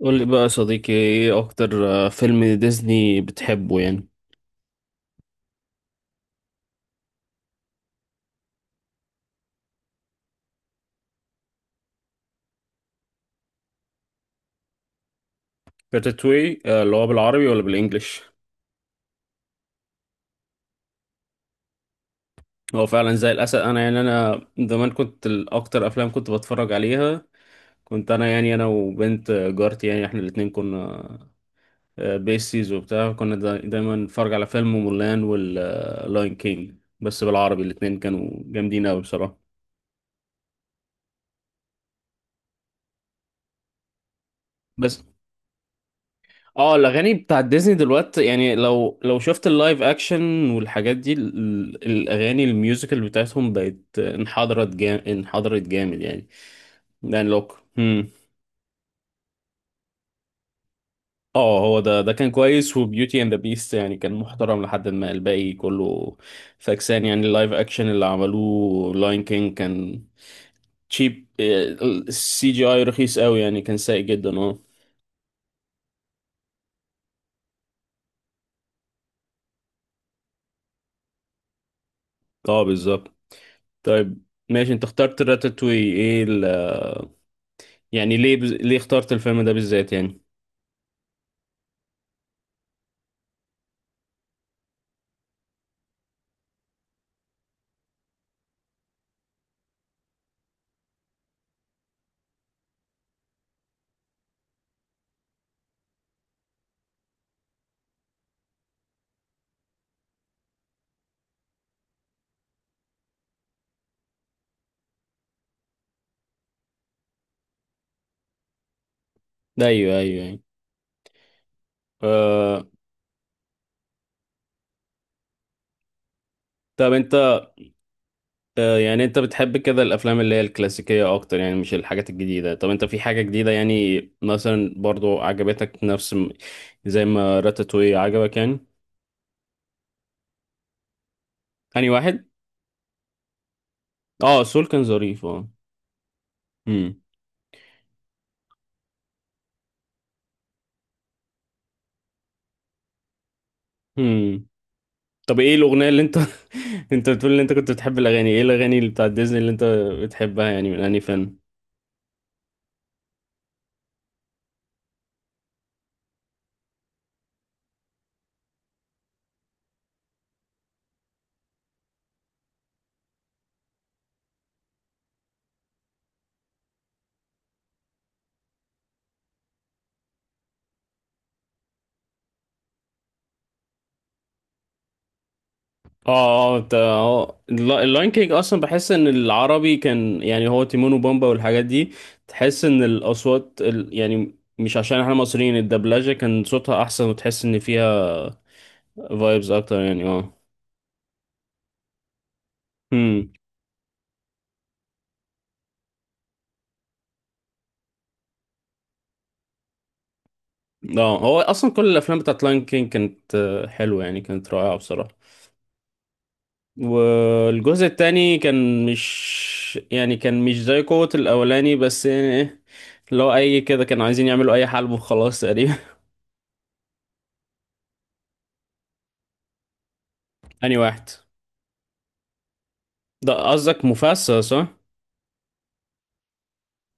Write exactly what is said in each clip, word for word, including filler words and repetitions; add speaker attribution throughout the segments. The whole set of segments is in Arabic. Speaker 1: قول لي بقى يا صديقي، ايه اكتر آه، فيلم ديزني بتحبه يعني؟ راتاتوي آه، اللي هو بالعربي ولا بالانجلش؟ هو فعلا زي الاسد. انا يعني انا زمان كنت الاكتر افلام كنت بتفرج عليها. كنت انا يعني انا وبنت آه، جارتي، يعني احنا الاتنين كنا آه، بيسيز وبتاع. كنا دا- دايما نتفرج على فيلم مولان واللاين كينج. بس بالعربي الاتنين كانوا جامدين قوي بصراحة. بس اه الاغاني بتاع ديزني دلوقتي، يعني لو لو شفت اللايف اكشن والحاجات دي، ال- الاغاني الميوزيكال بتاعتهم بقت انحدرت جامد، انحدرت جامد يعني. يعني لوك. هم. اه هو ده ده كان كويس، وبيوتي اند ذا بيست يعني كان محترم، لحد ما الباقي كله فاكسان. يعني اللايف اكشن اللي عملوه لاين كينج كان تشيب. السي جي اي رخيص قوي يعني، كان سيء جدا. اه اه، بالظبط. طيب، ماشي. انت اخترت راتاتوي، ايه يعني ليه؟ بز... ليه اخترت الفيلم ده بالذات يعني؟ ده ايوه، ايوه يعني. آه... طب انت، آه يعني انت بتحب كده الافلام اللي هي الكلاسيكية اكتر يعني، مش الحاجات الجديدة؟ طب انت في حاجة جديدة يعني، مثلا برضو عجبتك نفس م... زي ما راتاتوي عجبك يعني؟ انهي واحد؟ اه، سول كان ظريف، اه. امم. امم. طب ايه الاغنية اللي انت انت بتقول ان انت كنت بتحب الاغاني، ايه الاغاني اللي بتاعت ديزني اللي انت بتحبها يعني؟ من انهي فيلم؟ اه اه، انت- اه الل- اللاين كينج اصلا بحس ان العربي كان، يعني هو تيمون وبومبا والحاجات دي، تحس ان الاصوات ال... يعني مش عشان احنا مصريين، الدبلجة كان صوتها احسن، وتحس ان فيها فايبز اكتر يعني، اه. امم. اه، هو اصلا كل الافلام بتاعت لاين كينج كانت آه، حلوة يعني، كانت رائعة بصراحة. والجزء التاني كان مش، يعني كان مش زي قوة الاولاني، بس يعني ايه؟ لو اي كده كانوا عايزين يعملوا اي حلب وخلاص تقريبا. انهي واحد؟ ده قصدك مفاسة صح؟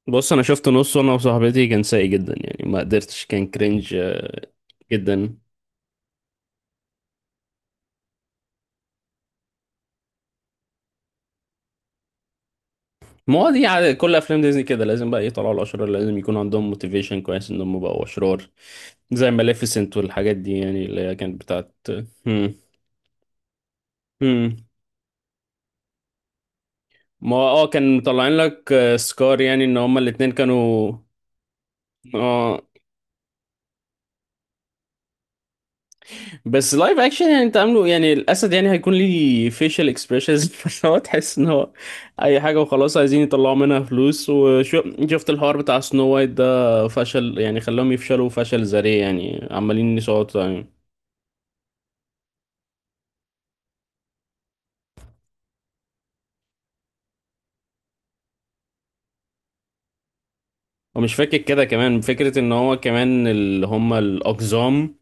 Speaker 1: بص، انا شفت نصه انا وصاحبتي، كان سيء جدا يعني، ما قدرتش، كان كرنج آه، جدا. ما هو دي عادة كل افلام ديزني كده، لازم بقى يطلعوا الاشرار، لازم يكون عندهم موتيفيشن كويس انهم بقوا اشرار زي ماليفيسنت والحاجات دي، يعني اللي هي كانت بتاعت. هم. هم. ما هو، اه، كان مطلعين لك آه، سكار يعني ان هما الاتنين كانوا، اه. بس لايف اكشن يعني، انت عامله يعني الاسد، يعني هيكون ليه فيشل اكسبريشنز فهو تحس ان هو اي حاجه وخلاص، عايزين يطلعوا منها فلوس. وشفت الحوار بتاع سنو وايت ده فشل يعني، خلاهم يفشلوا فشل ذريع يعني، عمالين يسقطوا يعني. ومش فاكر كده، كمان فكره ان هو كمان اللي هم الاقزام،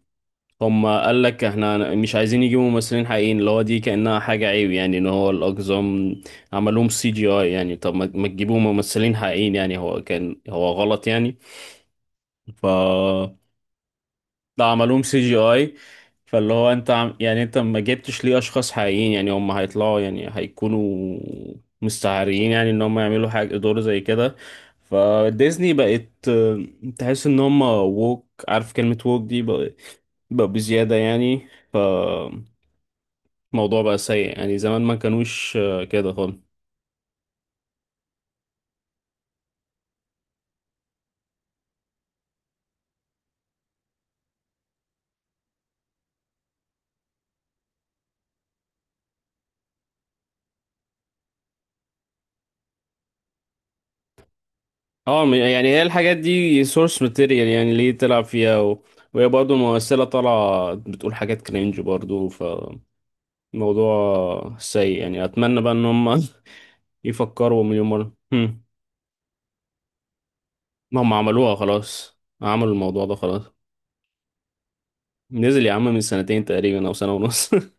Speaker 1: هم قال لك احنا مش عايزين يجيبوا ممثلين حقيقيين، اللي هو دي كانها حاجه عيب يعني، ان هو الاقزام عملوهم سي جي اي يعني. طب ما ما تجيبوا ممثلين حقيقيين يعني؟ هو كان هو غلط يعني. ف ده عملوهم سي جي اي. فاللي هو انت عم... يعني انت ما جبتش ليه اشخاص حقيقيين يعني هم هيطلعوا، يعني هيكونوا مستعارين يعني، ان هم يعملوا حاجه دور زي كده. فديزني بقت آه، تحس ان هم ووك، عارف كلمه ووك دي بقى، بقى بزياده يعني. فالموضوع بقى سيء يعني. زمان ما كانوش آه، كده خالص. اه م- يعني هي الحاجات دي سورس ماتيريال يعني ليه تلعب فيها و... وهي برضه ممثلة طالعة بتقول حاجات كرينج برضه. فموضوع سيء يعني، أتمنى بقى إن هم يفكروا مليون مرة. هم. ما هم عملوها خلاص، عملوا الموضوع ده خلاص. نزل يا عم من سنتين تقريبا أو سنة ونص.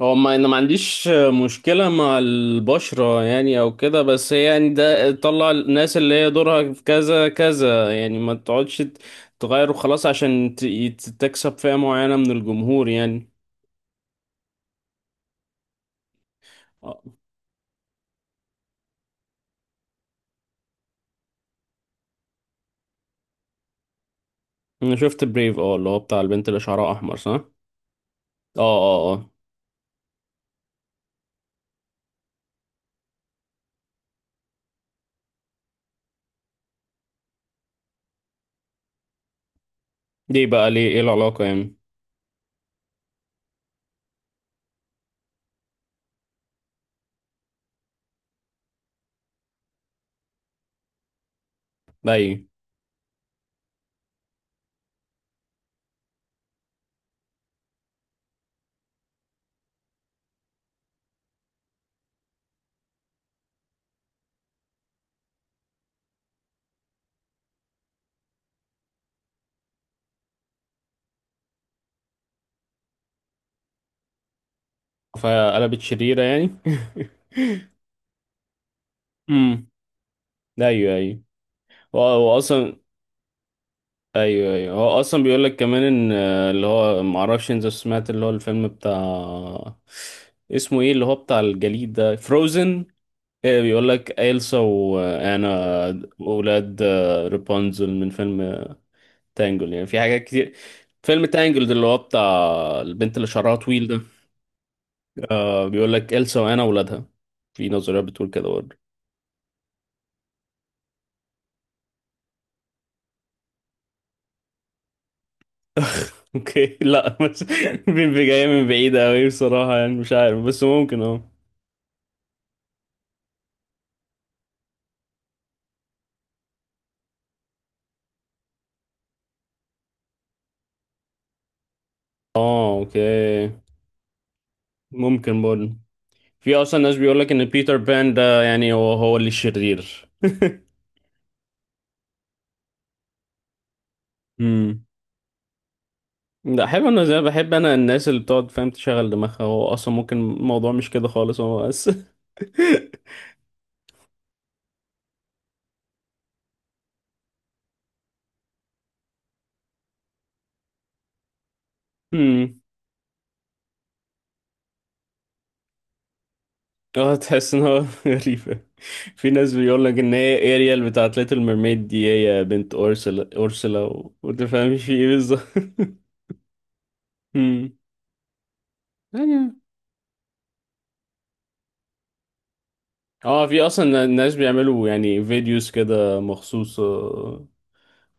Speaker 1: هو، ما انا ما عنديش مشكلة مع البشرة يعني او كده، بس هي يعني ده طلع الناس اللي هي دورها في كذا كذا يعني. ما تقعدش ت- تغير وخلاص عشان ت- يت- تكسب فئة معينة من الجمهور يعني. آه. انا شفت بريف، اه، اللي هو بتاع البنت اللي شعرها احمر صح؟ اه اه اه، دي بقى ليه؟ ايه العلاقة يعني؟ ده ايه؟ فقلبت شريرة يعني؟ امم. ايوه، ايوه. واصلا، ايوه، ايوه. هو اصلا بيقول لك كمان ان آه، اللي هو ما اعرفش انت سمعت؟ اللي هو الفيلم بتاع، اسمه ايه، اللي هو بتاع الجليد ده فروزن. ايه بيقول لك إلسا وانا اولاد آه، رابنزل من فيلم تانجل يعني. في حاجات كتير. فيلم تانجل ده اللي هو بتاع البنت اللي شعرها طويل ده. آه، بيقول لك إلسا وانا اولادها. في نظريات بتقول كده برضه. اوكي، لا بس جايه من بعيد قوي بصراحه يعني، مش عارف، بس ممكن اه. اه، اوكي. ممكن برضه. في اصلا ناس بيقول لك ان بيتر بان ده، يعني هو، هو اللي الشرير. امم. لا، احب انا زي بحب انا الناس اللي بتقعد، فاهم، تشغل دماغها. هو اصلا ممكن الموضوع مش كده خالص. هو بس امم. اه، تحس ان هو غريبة. في ناس بيقول لك ان هي اريال بتاعت ليتل ميرميد دي هي بنت اورسلا. اورسلا و- وتفهمش في ايه بالظبط. امم يعني اه. في اصلا ناس بيعملوا يعني فيديوز كده مخصوص آه،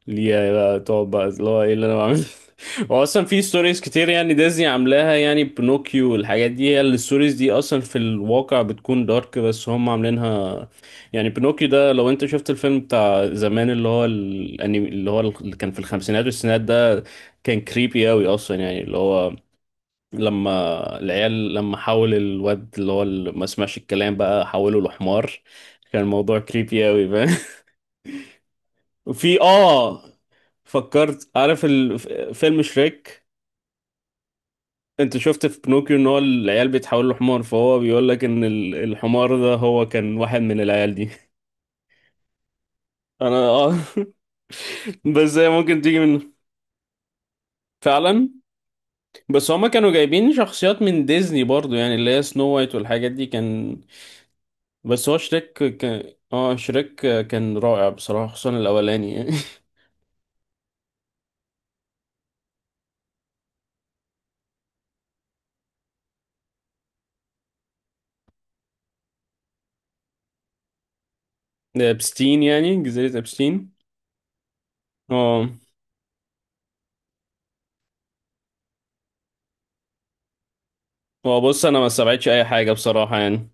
Speaker 1: ليها بقى، تقعد بقى اللي هو ايه اللي انا بعمله. هو اصلا في ستوريز كتير يعني ديزني عاملاها يعني بنوكيو والحاجات دي، هي الستوريز دي اصلا في الواقع بتكون دارك بس هم عاملينها يعني. بنوكيو ده لو انت شفت الفيلم بتاع زمان اللي هو الانمي، اللي هو اللي كان في الخمسينات والستينات ده، كان كريبي قوي اصلا يعني. اللي هو لما العيال لما حول الواد اللي هو اللي ما سمعش الكلام، بقى حوله لحمار، كان الموضوع كريبي قوي. وفي، اه فكرت، عارف ال- فيلم شريك؟ انت شفت في بنوكيو ان هو العيال بيتحولوا لحمار، فهو بيقول لك ان ال- الحمار ده هو كان واحد من العيال دي. انا اه بس هي ممكن تيجي من، فعلا، بس هما كانوا جايبين شخصيات من ديزني برضو يعني، اللي هي سنو وايت والحاجات دي، كان. بس هو شريك كان، اه، شريك كان رائع بصراحة خصوصا الاولاني يعني. ده ابستين يعني جزيرة ابستين. اه. هو بص، انا ما استبعدش اي حاجة بصراحة يعني.